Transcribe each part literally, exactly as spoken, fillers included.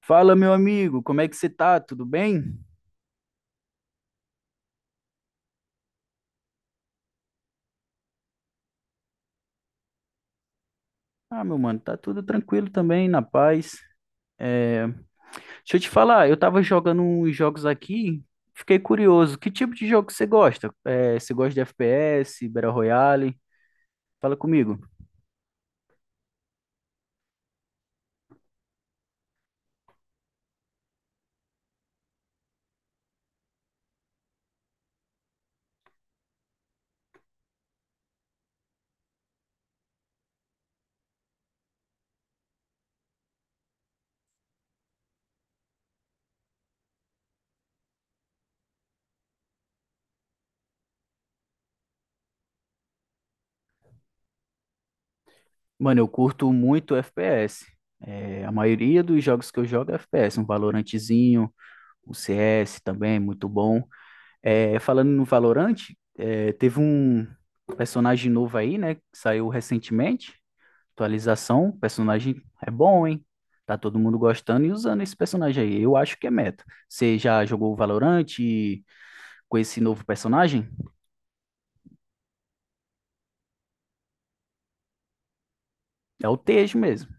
Fala, meu amigo, como é que você tá? Tudo bem? Ah, meu mano, tá tudo tranquilo também, na paz. É, Deixa eu te falar, eu tava jogando uns jogos aqui, fiquei curioso. Que tipo de jogo você gosta? É, você gosta de F P S, Battle Royale? Fala comigo. Mano, eu curto muito F P S. É, a maioria dos jogos que eu jogo é F P S, um Valorantezinho, um C S também, muito bom. É, falando no Valorant, é, teve um personagem novo aí, né? Que saiu recentemente. Atualização. Personagem é bom, hein? Tá todo mundo gostando e usando esse personagem aí. Eu acho que é meta. Você já jogou o Valorant e- com esse novo personagem? É o Tejo mesmo.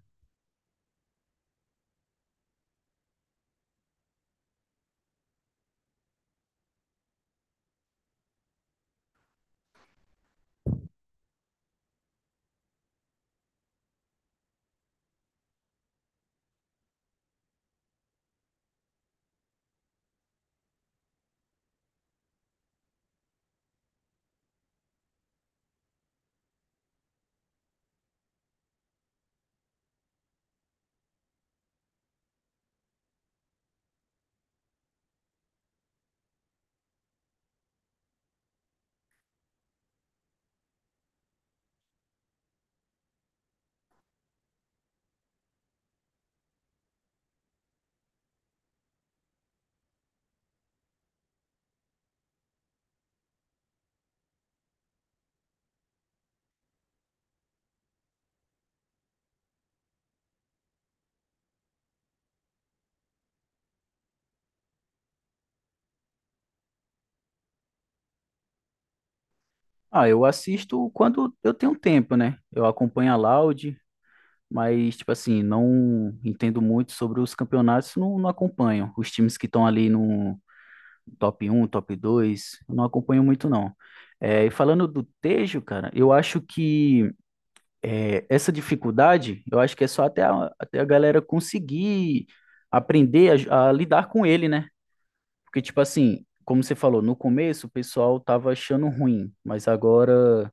Ah, eu assisto quando eu tenho tempo, né? Eu acompanho a Loud, mas, tipo assim, não entendo muito sobre os campeonatos, não, não acompanho. Os times que estão ali no top um, top dois, eu não acompanho muito não. É, e falando do Tejo, cara, eu acho que é, essa dificuldade, eu acho que é só até a, até a galera conseguir aprender a, a lidar com ele, né? Porque, tipo assim, como você falou, no começo o pessoal tava achando ruim, mas agora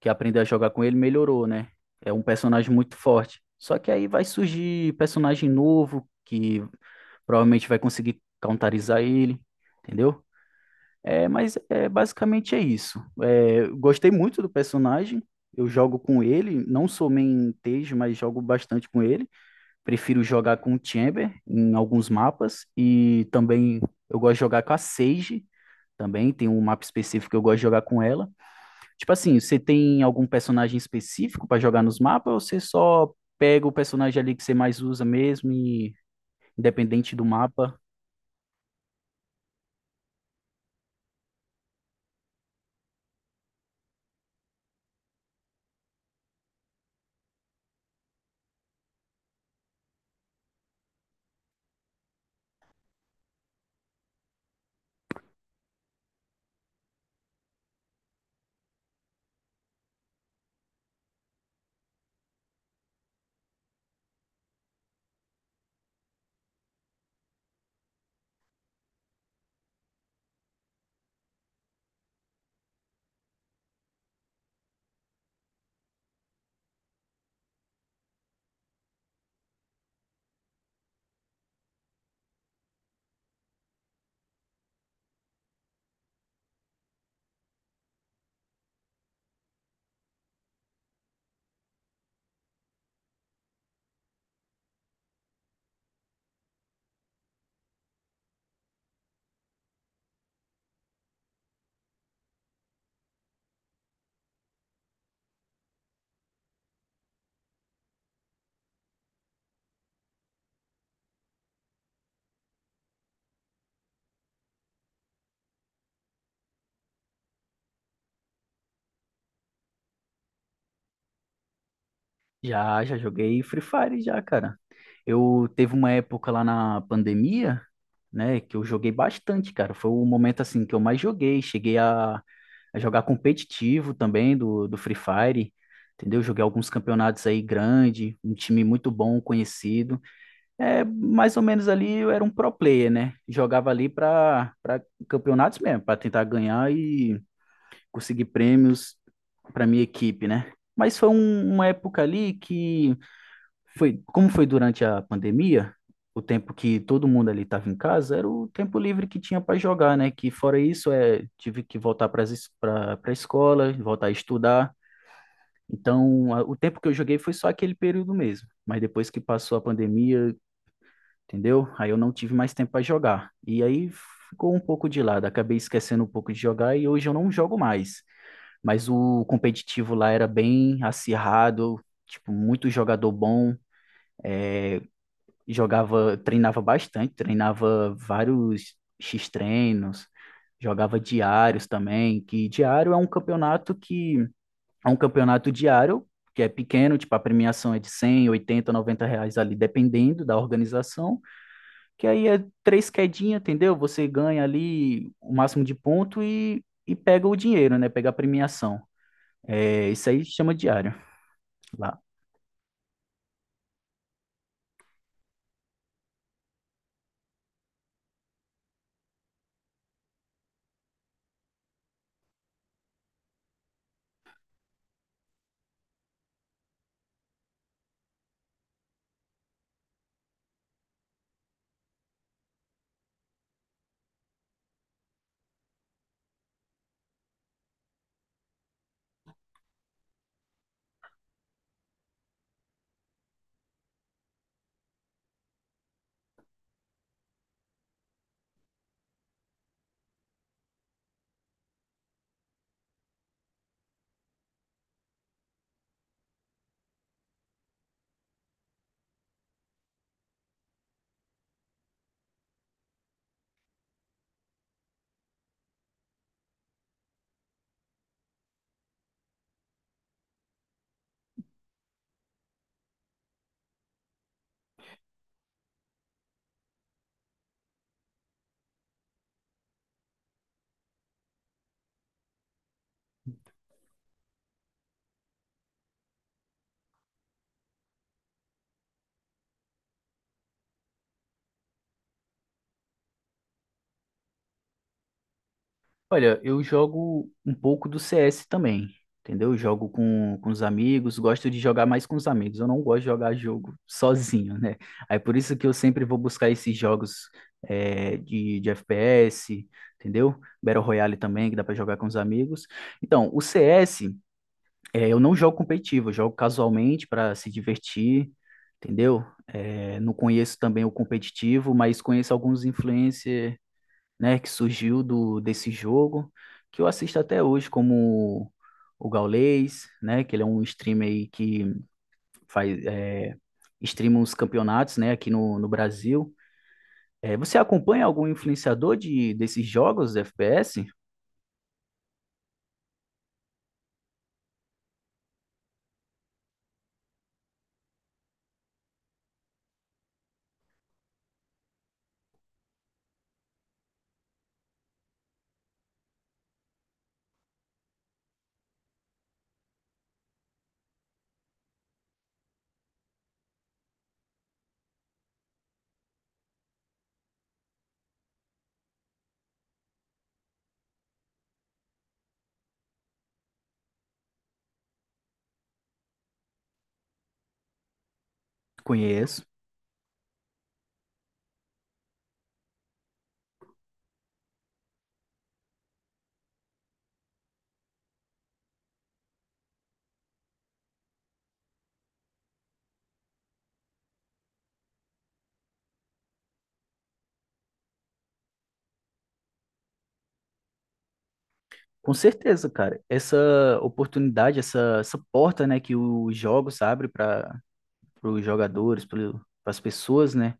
que aprender a jogar com ele melhorou, né? É um personagem muito forte. Só que aí vai surgir personagem novo que provavelmente vai conseguir counterizar ele, entendeu? É, mas é, basicamente é isso. É, gostei muito do personagem. Eu jogo com ele, não sou main Tej, mas jogo bastante com ele. Prefiro jogar com o Chamber em alguns mapas e também eu gosto de jogar com a Sage. Também tem um mapa específico que eu gosto de jogar com ela. Tipo assim, você tem algum personagem específico para jogar nos mapas ou você só pega o personagem ali que você mais usa mesmo e independente do mapa? Já, já joguei Free Fire já, cara. Eu teve uma época lá na pandemia, né, que eu joguei bastante, cara. Foi o momento assim que eu mais joguei. Cheguei a, a jogar competitivo também do, do Free Fire, entendeu? Joguei alguns campeonatos aí grande, um time muito bom, conhecido. É, mais ou menos ali eu era um pro player, né? Jogava ali para para campeonatos mesmo, para tentar ganhar e conseguir prêmios para minha equipe, né? Mas foi um- uma época ali que foi, como foi durante a pandemia, o tempo que todo mundo ali estava em casa, era o tempo livre que tinha para jogar, né? Que fora isso, é, tive que voltar para para a escola, voltar a estudar. Então, a- o tempo que eu joguei foi só aquele período mesmo. Mas depois que passou a pandemia, entendeu? Aí eu não tive mais tempo para jogar. E aí ficou um pouco de lado, acabei esquecendo um pouco de jogar e hoje eu não jogo mais. Mas o competitivo lá era bem acirrado, tipo, muito jogador bom. É, jogava, treinava bastante, treinava vários X-treinos, jogava diários também, que diário é um campeonato que é um campeonato diário, que é pequeno, tipo a premiação é de cem, oitenta, noventa reais ali, dependendo da organização, que aí é três quedinhas, entendeu? Você ganha ali o máximo de ponto e, e pega o dinheiro, né? Pega a premiação. É, isso aí chama diário lá. Olha, eu jogo um pouco do C S também, entendeu? Eu jogo com, com os amigos, gosto de jogar mais com os amigos. Eu não gosto de jogar jogo sozinho, né? Aí por isso que eu sempre vou buscar esses jogos é, de, de F P S, entendeu? Battle Royale também, que dá pra jogar com os amigos. Então, o C S, é, eu não jogo competitivo, eu jogo casualmente para se divertir, entendeu? É, não conheço também o competitivo, mas conheço alguns influencers, né, que surgiu do desse jogo, que eu assisto até hoje como o Gaules, né, que ele é um streamer aí que faz é, streama os campeonatos, né, aqui no, no Brasil. É, você acompanha algum influenciador de desses jogos F P S? Conheço. Com certeza, cara. Essa oportunidade, essa, essa porta, né, que os jogos abrem para os jogadores, para as pessoas, né?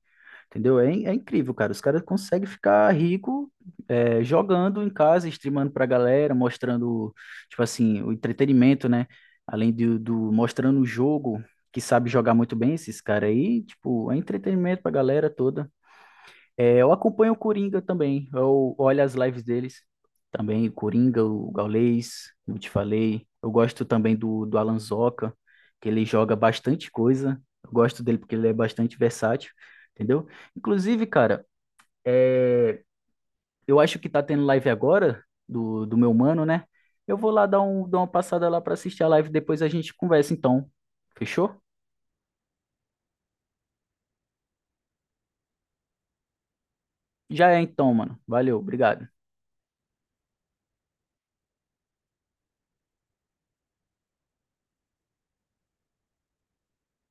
Entendeu? É, in- é incrível, cara. Os caras conseguem ficar rico é, jogando em casa, streamando pra galera, mostrando, tipo assim, o entretenimento, né? Além do, do mostrando o jogo, que sabe jogar muito bem esses caras aí, tipo, é entretenimento pra galera toda. É, eu acompanho o Coringa também. Eu olho as lives deles também. O Coringa, o Gaules, como eu te falei. Eu gosto também do, do Alan Zoca, que ele joga bastante coisa. Eu gosto dele porque ele é bastante versátil, entendeu? Inclusive, cara, é, eu acho que tá tendo live agora do, do meu mano, né? Eu vou lá dar, um, dar uma passada lá pra assistir a live. Depois a gente conversa, então. Fechou? Já é então, mano. Valeu, obrigado.